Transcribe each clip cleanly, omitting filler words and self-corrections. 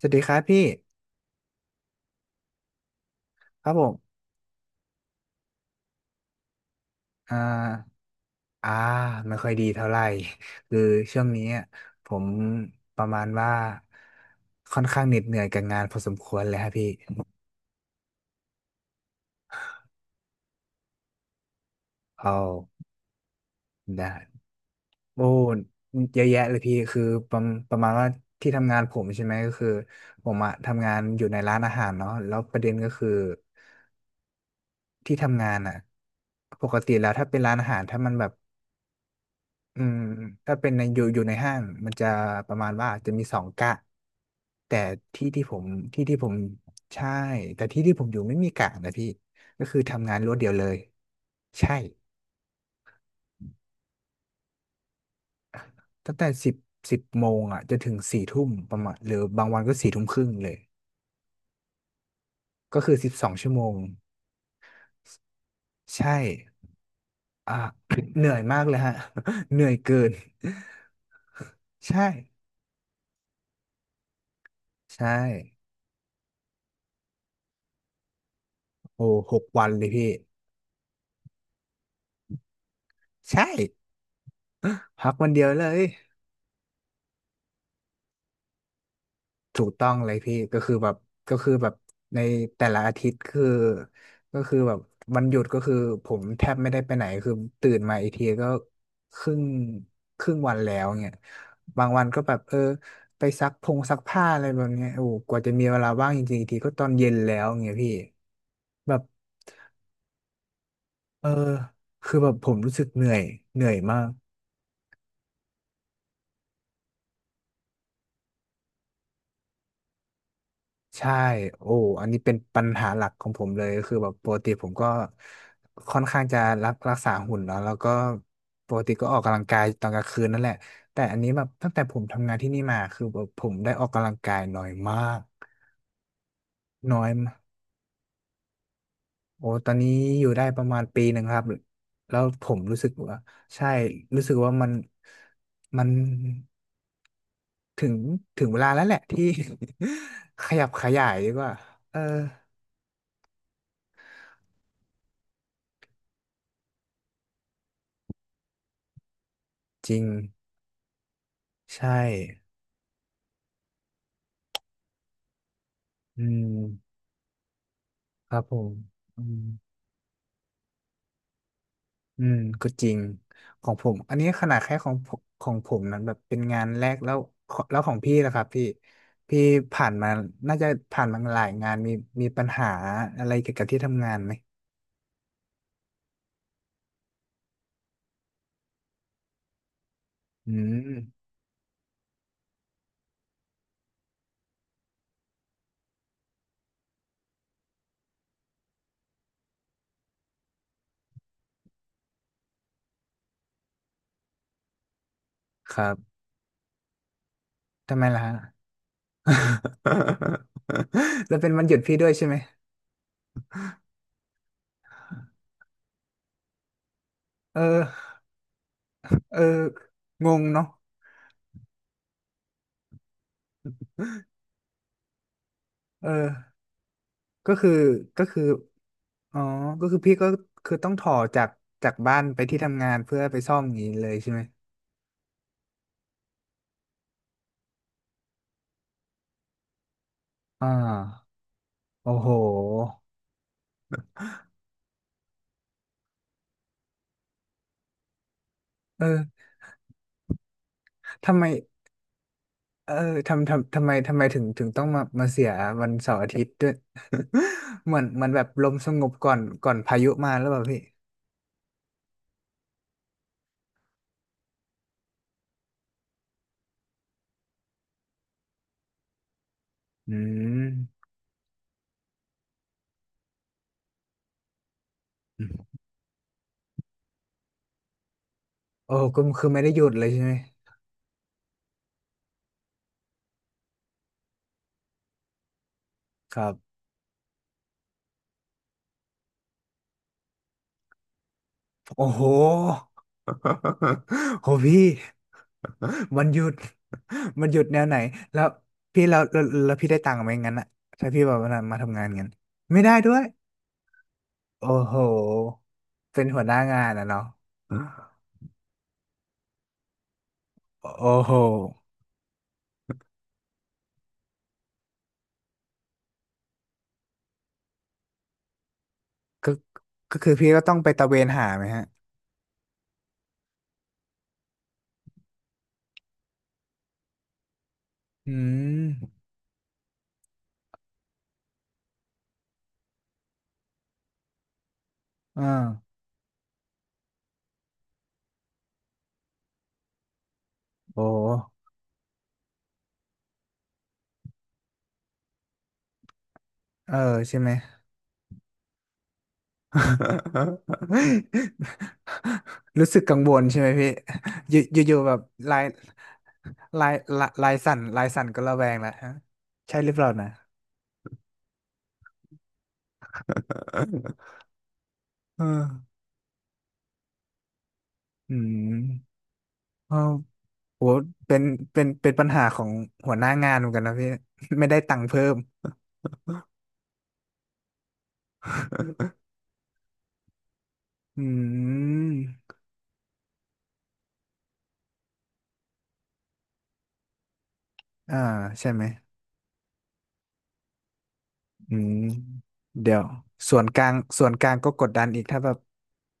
สวัสดีครับพี่ครับผมอ่าอ่าไม่ค่อยดีเท่าไหร่ คือช่วงนี้อะผมประมาณว่าค่อนข้างเหน็ดเหนื่อยกับงานพอสมควรเลยครับพี่เอาได้โอ้เยอะแยะเลยพี่คือประมาณว่าที่ทำงานผมใช่ไหมก็คือผมอะทำงานอยู่ในร้านอาหารเนาะแล้วประเด็นก็คือที่ทำงานอะปกติแล้วถ้าเป็นร้านอาหารถ้ามันแบบ อืมถ้าเป็นในอยู่ในห้างมันจะประมาณว่าจะมีสองกะแต่ที่ที่ผมที่ที่ผมใช่แต่ที่ที่ผมอยู่ไม่มีกะนะพี่ก็คือทำงานรวดเดียวเลยใช่ตั้งแต่สิบโมงอ่ะจนถึงสี่ทุ่มประมาณหรือบางวันก็สี่ทุ่มครึ่งเลยก็คือสิบสองชั่วโมงใช่อ่ะ เหนื่อยมากเลยฮะ เหนื่อยเกิน ใช่ใช่โอ้หกวันเลยพี่ใช่พักวันเดียวเลย ถูกต้องเลยพี่ก็คือแบบก็คือแบบในแต่ละอาทิตย์คือก็คือแบบวันหยุดก็คือผมแทบไม่ได้ไปไหนคือตื่นมาอีกทีก็ครึ่งครึ่งวันแล้วเนี่ยบางวันก็แบบเออไปซักพงซักผ้าอะไรแบบเนี้ยโอ้โหกว่าจะมีเวลาว่างจริงๆอีกทีก็ตอนเย็นแล้วเงี้ยพี่แบบเออคือแบบผมรู้สึกเหนื่อยเหนื่อยมาก ใช่โอ้อันนี้เป็นปัญหาหลักของผมเลยคือแบบปกติผมก็ค่อนข้างจะรักษาหุ่นเนาะแล้วก็ปกติก็ออกกำลังกายตอนกลางคืนนั่นแหละแต่อันนี้แบบตั้งแต่ผมทำงานที่นี่มาคือแบบผมได้ออกกำลังกายน้อยมากน้อยมากโอ้ตอนนี้อยู่ได้ประมาณปีหนึ่งครับแล้วผมรู้สึกว่าใช่รู้สึกว่ามันมันถึงถึงเวลาแล้วแหละที่ ขยับขยายดีกว่าเออจริงใช่ อืมครับผมอืมอืมก็จริงของผมอันนี้ขนาดแค่ของผมนั้นแบบเป็นงานแรกแล้วขอแล้วของพี่นะครับพี่ผ่านมาน่าจะผ่านมาหลายงานมีปัญหาอะไรเกี่ยวกับที่ทำงานไหมอืมครับทำไมล่ะฮะ แล้วเป็นวันหยุดพี่ด้วยใช่ไหมเออเอองงเนาะเออ ก็คือก็คืออ๋อก็คือพี่ก็คือต้องถอจากบ้านไปที่ทำงานเพื่อไปซ่อมอย่างนี้เลยใช่ไหมอ่าโอ้โหเออทำไมเออทำไมถึงต้องมาเสียวันเสาร์อาทิตย์ด้วย เหมือนแบบลมสงบก่อนพายุมาแล้วเปล่าพี่อืมโอ้ก็คือไม่ได้หยุดเลยใช่ไหมครับโอ้โห โหพี่ มันหยุด มันหยุดแนวไหนแล้วพี่แล้วแล้วแล้วพี่ได้ตังค์ไหมงั้นอะถ้าพี่แบบว่ามาทำงานงั้นไม่ได้ด้วยโอ้โหเป็นหัวหน้างานอะเนาะโอ้โหก็ก็คือพี่ก็ต้องไปตระเวนหาไหมฮะอืมอ่าโอ้เออใช่ไหม รู้สึกกังวลใช่ไหมพี่อยู่อยู่ๆแบบลายลายลายลายสั่นลายสั่นก็ระแวงแล้วฮะใช่หรือเปล่านะ เอออืมเออโหเป็นเป็นปัญหาของหัวหน้างานเหมือนกันนะพี่ ไม่ได้ตังค์เพิ่ม อืมอ่าใช่ไหมอืมเดี๋ยวส่วนกลางส่วนกลางก็กดดันอีกถ้าแบบ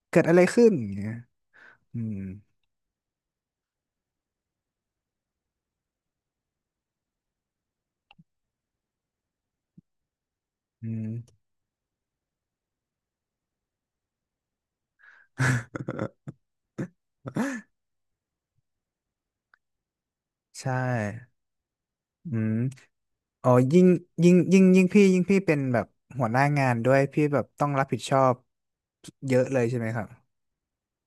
เกิดอะไรขึ้นอย่างเงี้ยอืมอืม ใช่อืมอ๋อยิ่งพี่เป็นแบบหัวหน้างานด้วยพี่แบบต้องรับผิดชอบเยอะเลยใช่ไหมครับ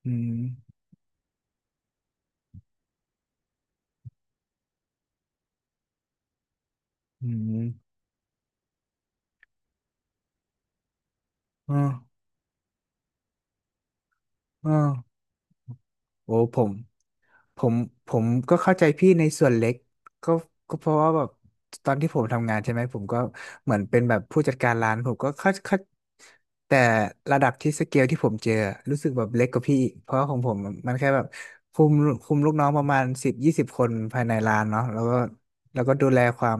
อืม อืมอ๋ออ๋อโอ้ผมผมก็เข้าใจพี่ในส่วนเล็กก็ก็เพราะว่าแบบตอนที่ผมทำงานใช่ไหมผมก็เหมือนเป็นแบบผู้จัดการร้านผมก็เข้าแต่ระดับที่สเกลที่ผมเจอรู้สึกแบบเล็กกว่าพี่อีกเพราะว่าของผมมันแค่แบบคุมคุมลูกน้องประมาณสิบยี่สิบคนภายในร้านเนาะแล้วก็แล้วก็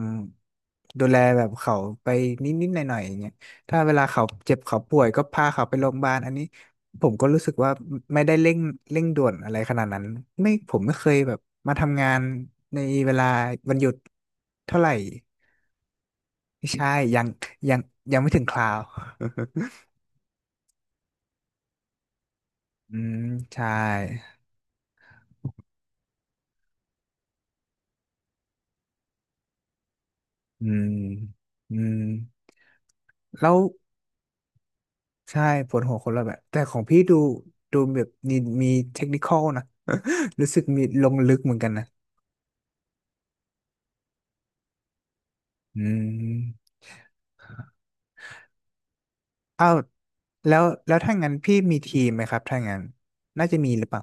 ดูแลแบบเขาไปนิดนิดหน่อยหน่อยๆอย่างเงี้ยถ้าเวลาเขาเจ็บเขาป่วยก็พาเขาไปโรงพยาบาลอันนี้ ผมก็รู้สึกว่าไม่ได้เร่งด่วนอะไรขนาดนั้นไม่ผมไม่เคยแบบมาทำงานในเวลาวันหยุดเท่าไหร่ไม่ใช่ยังยังยังไม่ถึงคราว อืมใช่อืมอืมแล้วใช่ปวดหัวคนละแบบแต่ของพี่ดูแบบมีเทคนิคอลนะ รู้สึกมีลงลึกเหมือนกันนะอืมอ้าวแล้วถ้างั้นพี่มีทีมไหมครับถ้างั้นน่าจะมีหรือเปล่า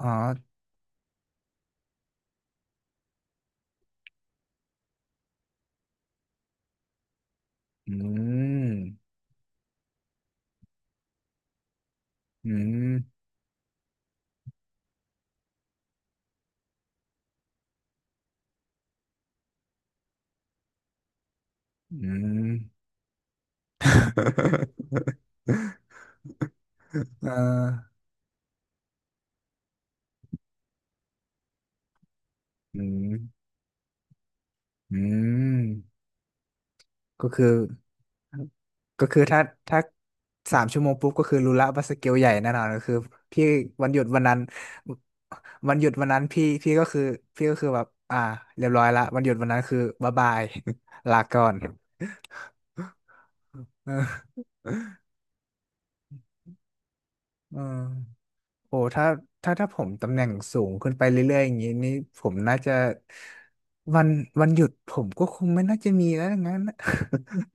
อ๋อ อืมอืมอืม เอ่าออืมอืมก็คือ ก็คือถ้าสามชั่วโมงปุ๊บก็คือรู้ละว่าสเกลใหญ่แน่นอนก็คือพี่วันหยุดวันนั้นวันหยุดวันนั้นพี่ก็คือพี่ก็คือแบบอ่าเรียบร้อยละวันหยุดวันนั้นคือบ๊ายบาย ลาก่อนเออเออ โอ้ถ้าถ้าถ้าผมตำแหน่งสูงขึ้นไปเรื่อยๆอย่างนี้นี่ผมน่าจะวันวันหยุดผมก็คงไม่น่าจะมีแล้วงั้นนะ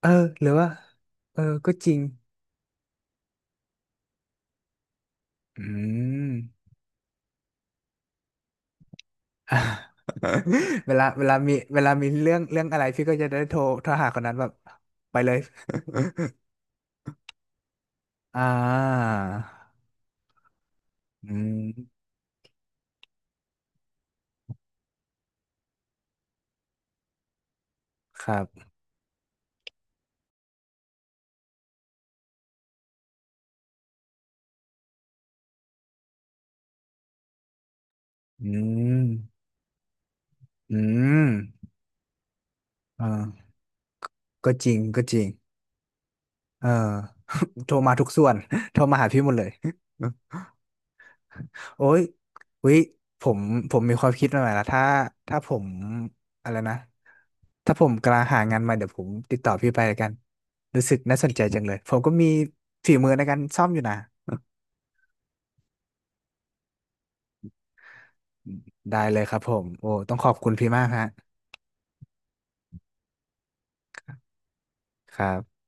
เออหรือว่าเออก็จริงอืม อ่ะ เวลาเวลามีเวลามีเรื่องเรื่องอะไรพี่ก็จะได้โทรหาคนนั้นแบบไปเลย อ่าอืมครับอืมอืมอ่าก็จริงก็จริง เออ โทรมาทุกส่วน โทรมาหาพี่หมดเลย โอ้ยวิผมผมมีความคิดมาใหม่ๆแลวถ้าผมอะไรนะถ้าผมกำลังหางานใหม่เดี๋ยวผมติดต่อพี่ไปแล้วกันรู้สึกน่าสนใจจังเลยผมก็มีฝีมือในการซ่อมอยู่นะได้เลยครับผมโอ้ต้องขอบคุณพี่มากฮะครับ